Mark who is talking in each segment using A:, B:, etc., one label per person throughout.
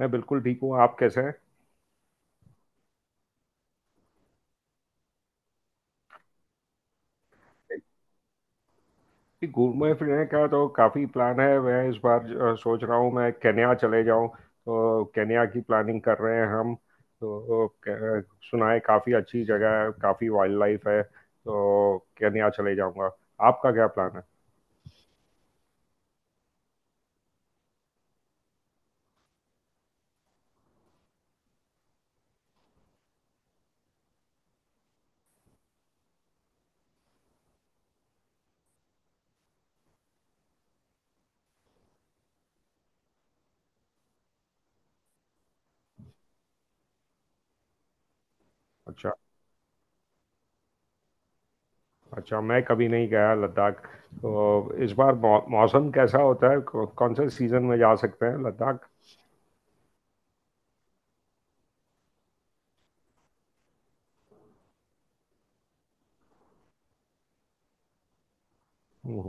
A: मैं बिल्कुल ठीक हूँ। आप कैसे हैं? घूमने फिरने का तो काफ़ी प्लान है। मैं इस बार सोच रहा हूँ मैं केन्या चले जाऊँ, तो केन्या की प्लानिंग कर रहे हैं हम। तो सुना है काफ़ी अच्छी जगह है, काफ़ी वाइल्ड लाइफ है, तो केन्या चले जाऊँगा। आपका क्या प्लान है? अच्छा। अच्छा, मैं कभी नहीं गया लद्दाख। तो इस बार मौसम कैसा होता है? कौन से सीज़न में जा सकते हैं लद्दाख? हम्म, हम्म,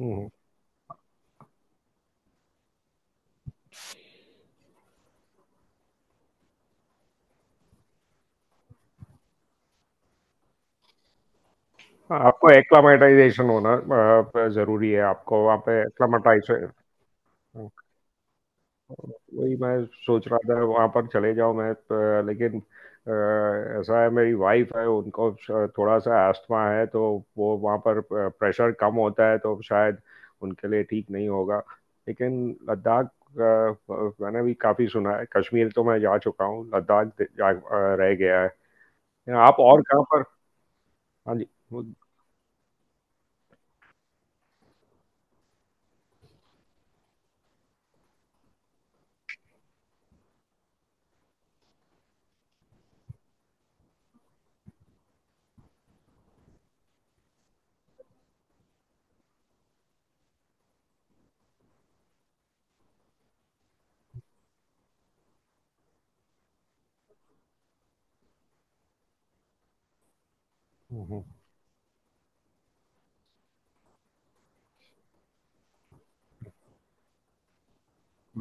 A: हम्म, हम्म। आपको एक्लामेटाइजेशन होना जरूरी है, आपको वहाँ पे एक्लामेटाइज। वही मैं सोच रहा था वहाँ पर चले जाओ मैं, लेकिन ऐसा है, मेरी वाइफ है, उनको थोड़ा सा एस्थमा है। तो वो वहाँ पर प्रेशर कम होता है तो शायद उनके लिए ठीक नहीं होगा। लेकिन लद्दाख, मैंने भी काफ़ी सुना है। कश्मीर तो मैं जा चुका हूँ, लद्दाख जा रह गया है। आप और कहाँ पर? हाँ जी। वो-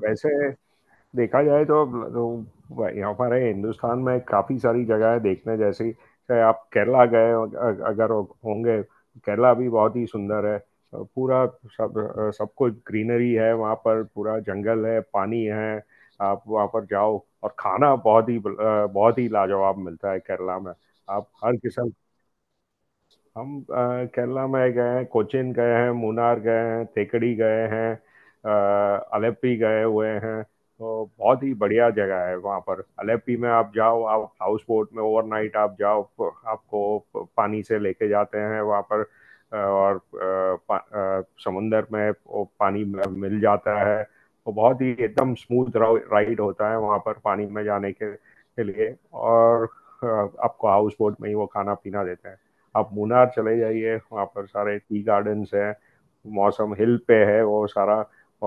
A: वैसे देखा जाए तो हमारे तो यहाँ पर है, हिंदुस्तान में काफ़ी सारी जगह है देखने जैसी। चाहे आप केरला गए, अगर होंगे। केरला भी बहुत ही सुंदर है, पूरा। सब सब कुछ ग्रीनरी है वहाँ पर, पूरा जंगल है, पानी है। आप वहाँ पर जाओ, और खाना बहुत ही लाजवाब मिलता है केरला में। आप हर किस्म। हम केरला में गए हैं, कोचीन गए हैं, मुनार गए हैं, थेकड़ी गए हैं, अ, अलेप्पी गए हुए हैं। तो बहुत ही बढ़िया जगह है वहाँ पर। अलेप्पी में आप जाओ, आप हाउस बोट में ओवरनाइट आप जाओ। आपको पानी से लेके जाते हैं वहाँ पर। और समुंदर में वो पानी में मिल जाता है। वो बहुत ही एकदम स्मूथ राइड होता है, वहाँ पर पानी में जाने के लिए। और अ, आपको हाउस बोट में ही वो खाना पीना देते हैं। आप मुनार चले जाइए, वहाँ पर सारे टी गार्डन्स हैं। मौसम हिल पे है वो सारा।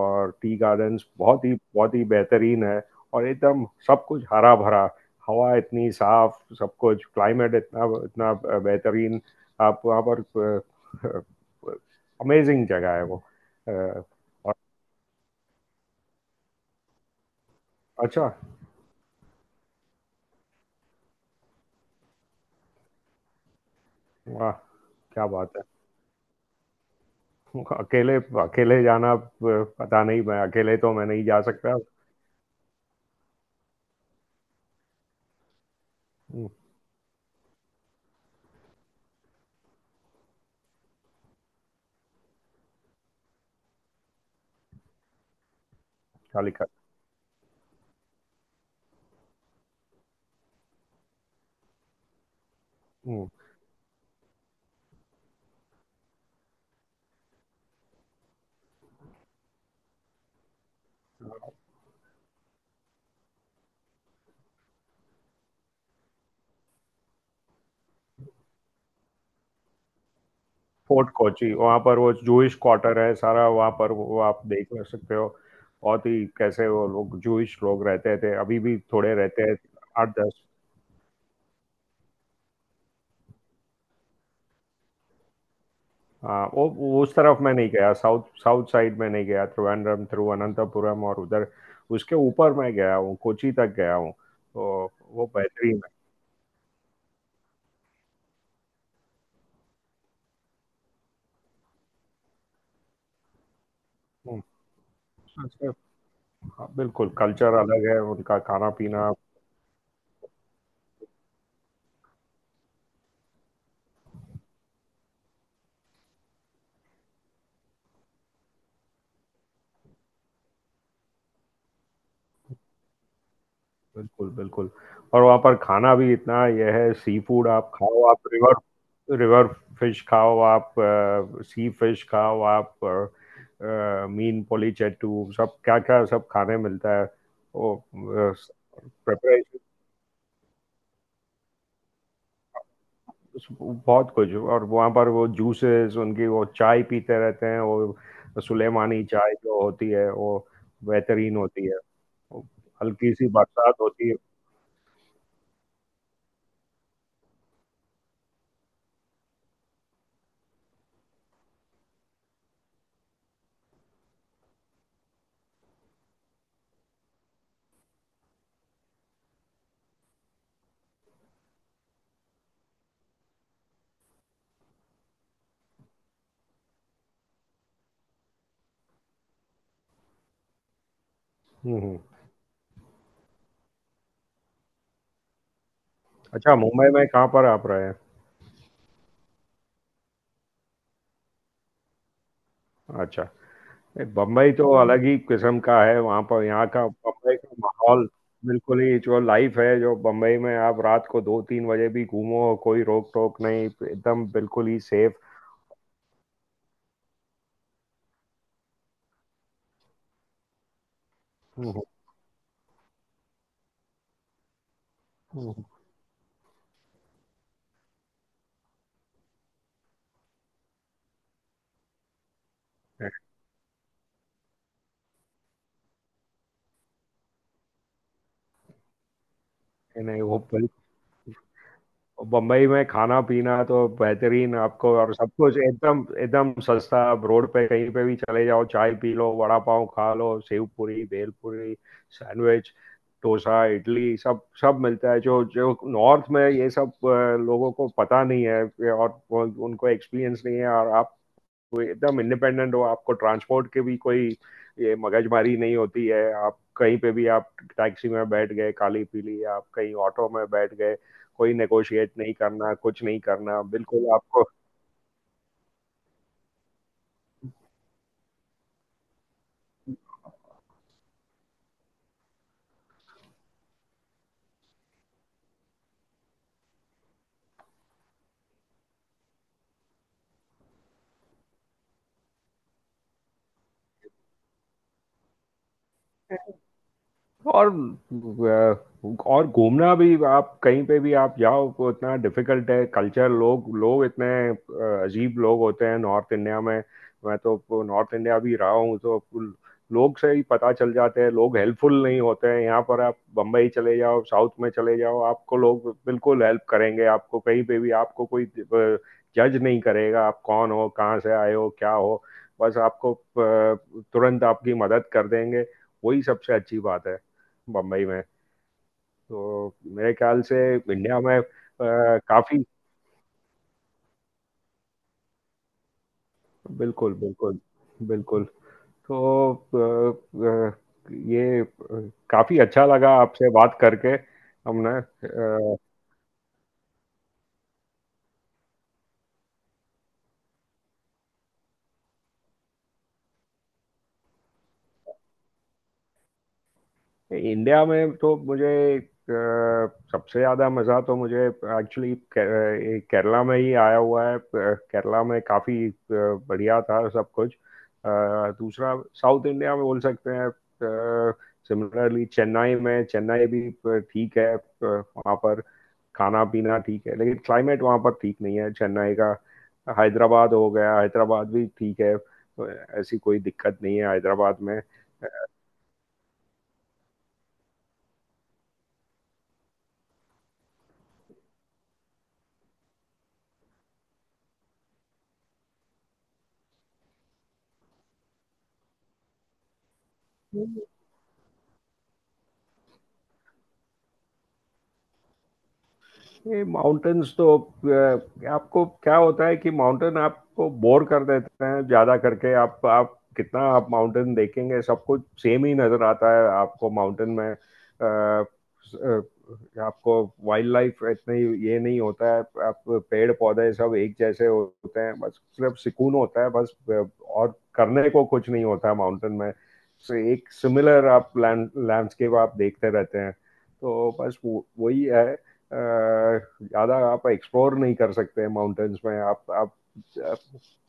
A: और टी गार्डन्स बहुत ही बेहतरीन है। और एकदम सब कुछ हरा भरा, हवा इतनी साफ, सब कुछ, क्लाइमेट इतना इतना बेहतरीन। आप वहाँ पर, अमेजिंग जगह है वो। और। अच्छा। वाह। क्या बात है! अकेले? अकेले जाना? पता नहीं, मैं अकेले तो मैं नहीं जा सकता। कालिका। फोर्ट कोची, वहाँ पर वो जूश क्वार्टर है सारा, वहाँ पर वो आप देख ले सकते हो। बहुत ही, कैसे वो लोग, जूश लोग रहते थे, अभी भी थोड़े रहते हैं। आठ दस। हाँ, वो उस तरफ मैं नहीं गया। साउथ साउथ साइड में नहीं गया। त्रिवेंद्रम, तिरुवनंतपुरम और उधर, उसके ऊपर मैं गया हूँ, कोची तक गया हूँ, तो वो बेहतरीन है। हम्म। उसके- हाँ, बिल्कुल। कल्चर अलग है उनका, खाना पीना। बिल्कुल, बिल्कुल। और वहाँ पर खाना भी इतना यह है, सी फूड आप खाओ, आप रिवर रिवर फिश खाओ आप। सी फिश खाओ आप। मीन पोलीचेटू, सब क्या क्या सब खाने मिलता है वो। प्रिपरेशन बहुत कुछ। और वहाँ पर वो जूसेस उनकी, वो चाय पीते रहते हैं वो। सुलेमानी चाय जो होती है वो बेहतरीन होती है। वो हल्की सी बरसात होती है। हुँ, हुँ। अच्छा, मुंबई में कहाँ पर आप रहे हैं? अच्छा। नहीं, बम्बई तो अलग ही किस्म का है, वहाँ पर यहाँ का बम्बई का माहौल। बिल्कुल ही, जो लाइफ है जो बम्बई में, आप रात को 2-3 बजे भी घूमो, कोई रोक टोक नहीं। एकदम बिल्कुल ही सेफ। नहीं, नहीं, वो बिल्कुल। बम्बई में खाना पीना तो बेहतरीन आपको, और सब कुछ एकदम एकदम सस्ता। आप रोड पे कहीं पे भी चले जाओ, चाय पी लो, वड़ा पाव खा लो, सेव पूरी, भेल पूरी, सैंडविच, डोसा, इडली, सब सब मिलता है। जो जो नॉर्थ में ये सब लोगों को पता नहीं है, और उनको एक्सपीरियंस नहीं है। और आप एकदम इंडिपेंडेंट हो, आपको ट्रांसपोर्ट की भी कोई ये मगजमारी नहीं होती है। आप कहीं पे भी, आप टैक्सी में बैठ गए काली पीली, आप कहीं ऑटो में बैठ गए, कोई नेगोशिएट नहीं करना, कुछ नहीं करना बिल्कुल आपको। और अ, और घूमना भी। आप कहीं पे भी आप जाओ तो इतना डिफिकल्ट है, कल्चर, लोग लोग इतने अजीब लोग होते हैं नॉर्थ इंडिया में। मैं तो नॉर्थ इंडिया भी रहा हूँ, तो लोग से ही पता चल जाते हैं, लोग हेल्पफुल नहीं होते हैं यहाँ पर। आप बम्बई चले जाओ, साउथ में चले जाओ, आपको लोग बिल्कुल हेल्प करेंगे। आपको कहीं पे भी आपको कोई जज नहीं करेगा, आप कौन हो, कहाँ से आए हो, क्या हो। बस आपको तुरंत आपकी मदद कर देंगे। वही सबसे अच्छी बात है बम्बई में। तो मेरे ख्याल से इंडिया में काफी। बिल्कुल, बिल्कुल, बिल्कुल। तो ये काफी अच्छा लगा आपसे बात करके। हमने इंडिया में तो मुझे अ, सबसे ज्यादा मजा तो मुझे एक्चुअली केरला में ही आया हुआ है। केरला में काफी बढ़िया था सब कुछ। दूसरा साउथ इंडिया में बोल सकते हैं। सिमिलरली चेन्नई में। चेन्नई भी ठीक है, वहाँ पर खाना पीना ठीक है, लेकिन क्लाइमेट वहाँ पर ठीक नहीं है चेन्नई का। हैदराबाद हो गया, हैदराबाद भी ठीक है, ऐसी कोई दिक्कत नहीं है हैदराबाद में। ये माउंटेन्स तो, आपको क्या होता है कि माउंटेन आपको बोर कर देते हैं ज़्यादा करके। आप कितना आप माउंटेन देखेंगे, सब कुछ सेम ही नज़र आता है आपको माउंटेन में। अ, आपको वाइल्ड लाइफ इतनी ये नहीं होता है। आप पेड़ पौधे सब एक जैसे होते हैं, बस सिर्फ सुकून होता है बस, और करने को कुछ नहीं होता है माउंटेन में। So, एक सिमिलर आप लैंडस्केप आप देखते रहते हैं, तो बस वही है। ज़्यादा आप एक्सप्लोर नहीं कर सकते हैं माउंटेन्स में। आप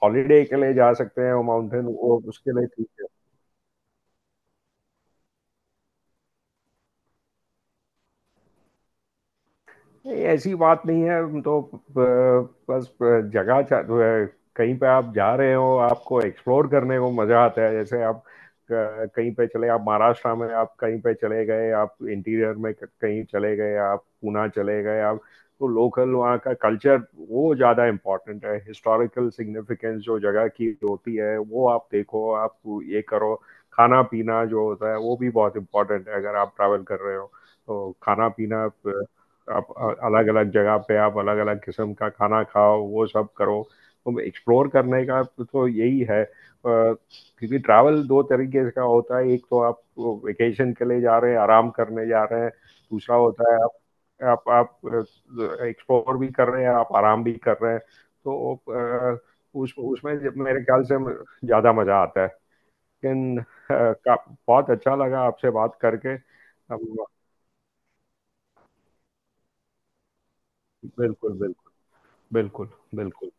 A: हॉलीडे के लिए जा सकते हैं, वो माउंटेन वो उसके लिए ठीक। नहीं, ऐसी बात नहीं है। हम तो बस जगह, कहीं पे आप जा रहे हो, आपको एक्सप्लोर करने को मजा आता है। जैसे आप कहीं पे चले, आप महाराष्ट्र में, आप कहीं पे चले गए, आप इंटीरियर में कहीं चले गए, आप पूना चले गए, आप तो लोकल वहाँ का कल्चर, वो ज़्यादा इम्पोर्टेंट है। हिस्टोरिकल सिग्निफिकेंस जो जगह की होती है, वो आप देखो, आप ये करो। खाना पीना जो होता है वो भी बहुत इम्पोर्टेंट है अगर आप ट्रैवल कर रहे हो। तो खाना पीना आप अलग अलग जगह पे आप अलग अलग किस्म का खाना खाओ, वो सब करो। तो एक्सप्लोर करने का तो यही है। क्योंकि ट्रैवल दो तरीके का होता है, एक तो आप वेकेशन के लिए जा रहे हैं, आराम करने जा रहे हैं। दूसरा होता है आप आप आप एक्सप्लोर भी कर रहे हैं, आप आराम भी कर रहे हैं। तो उस उसमें जब मेरे ख्याल से ज़्यादा मज़ा आता है। लेकिन का- बहुत अच्छा लगा आपसे बात करके। बिल्कुल, बिल्कुल, बिल्कुल, बिल्कुल।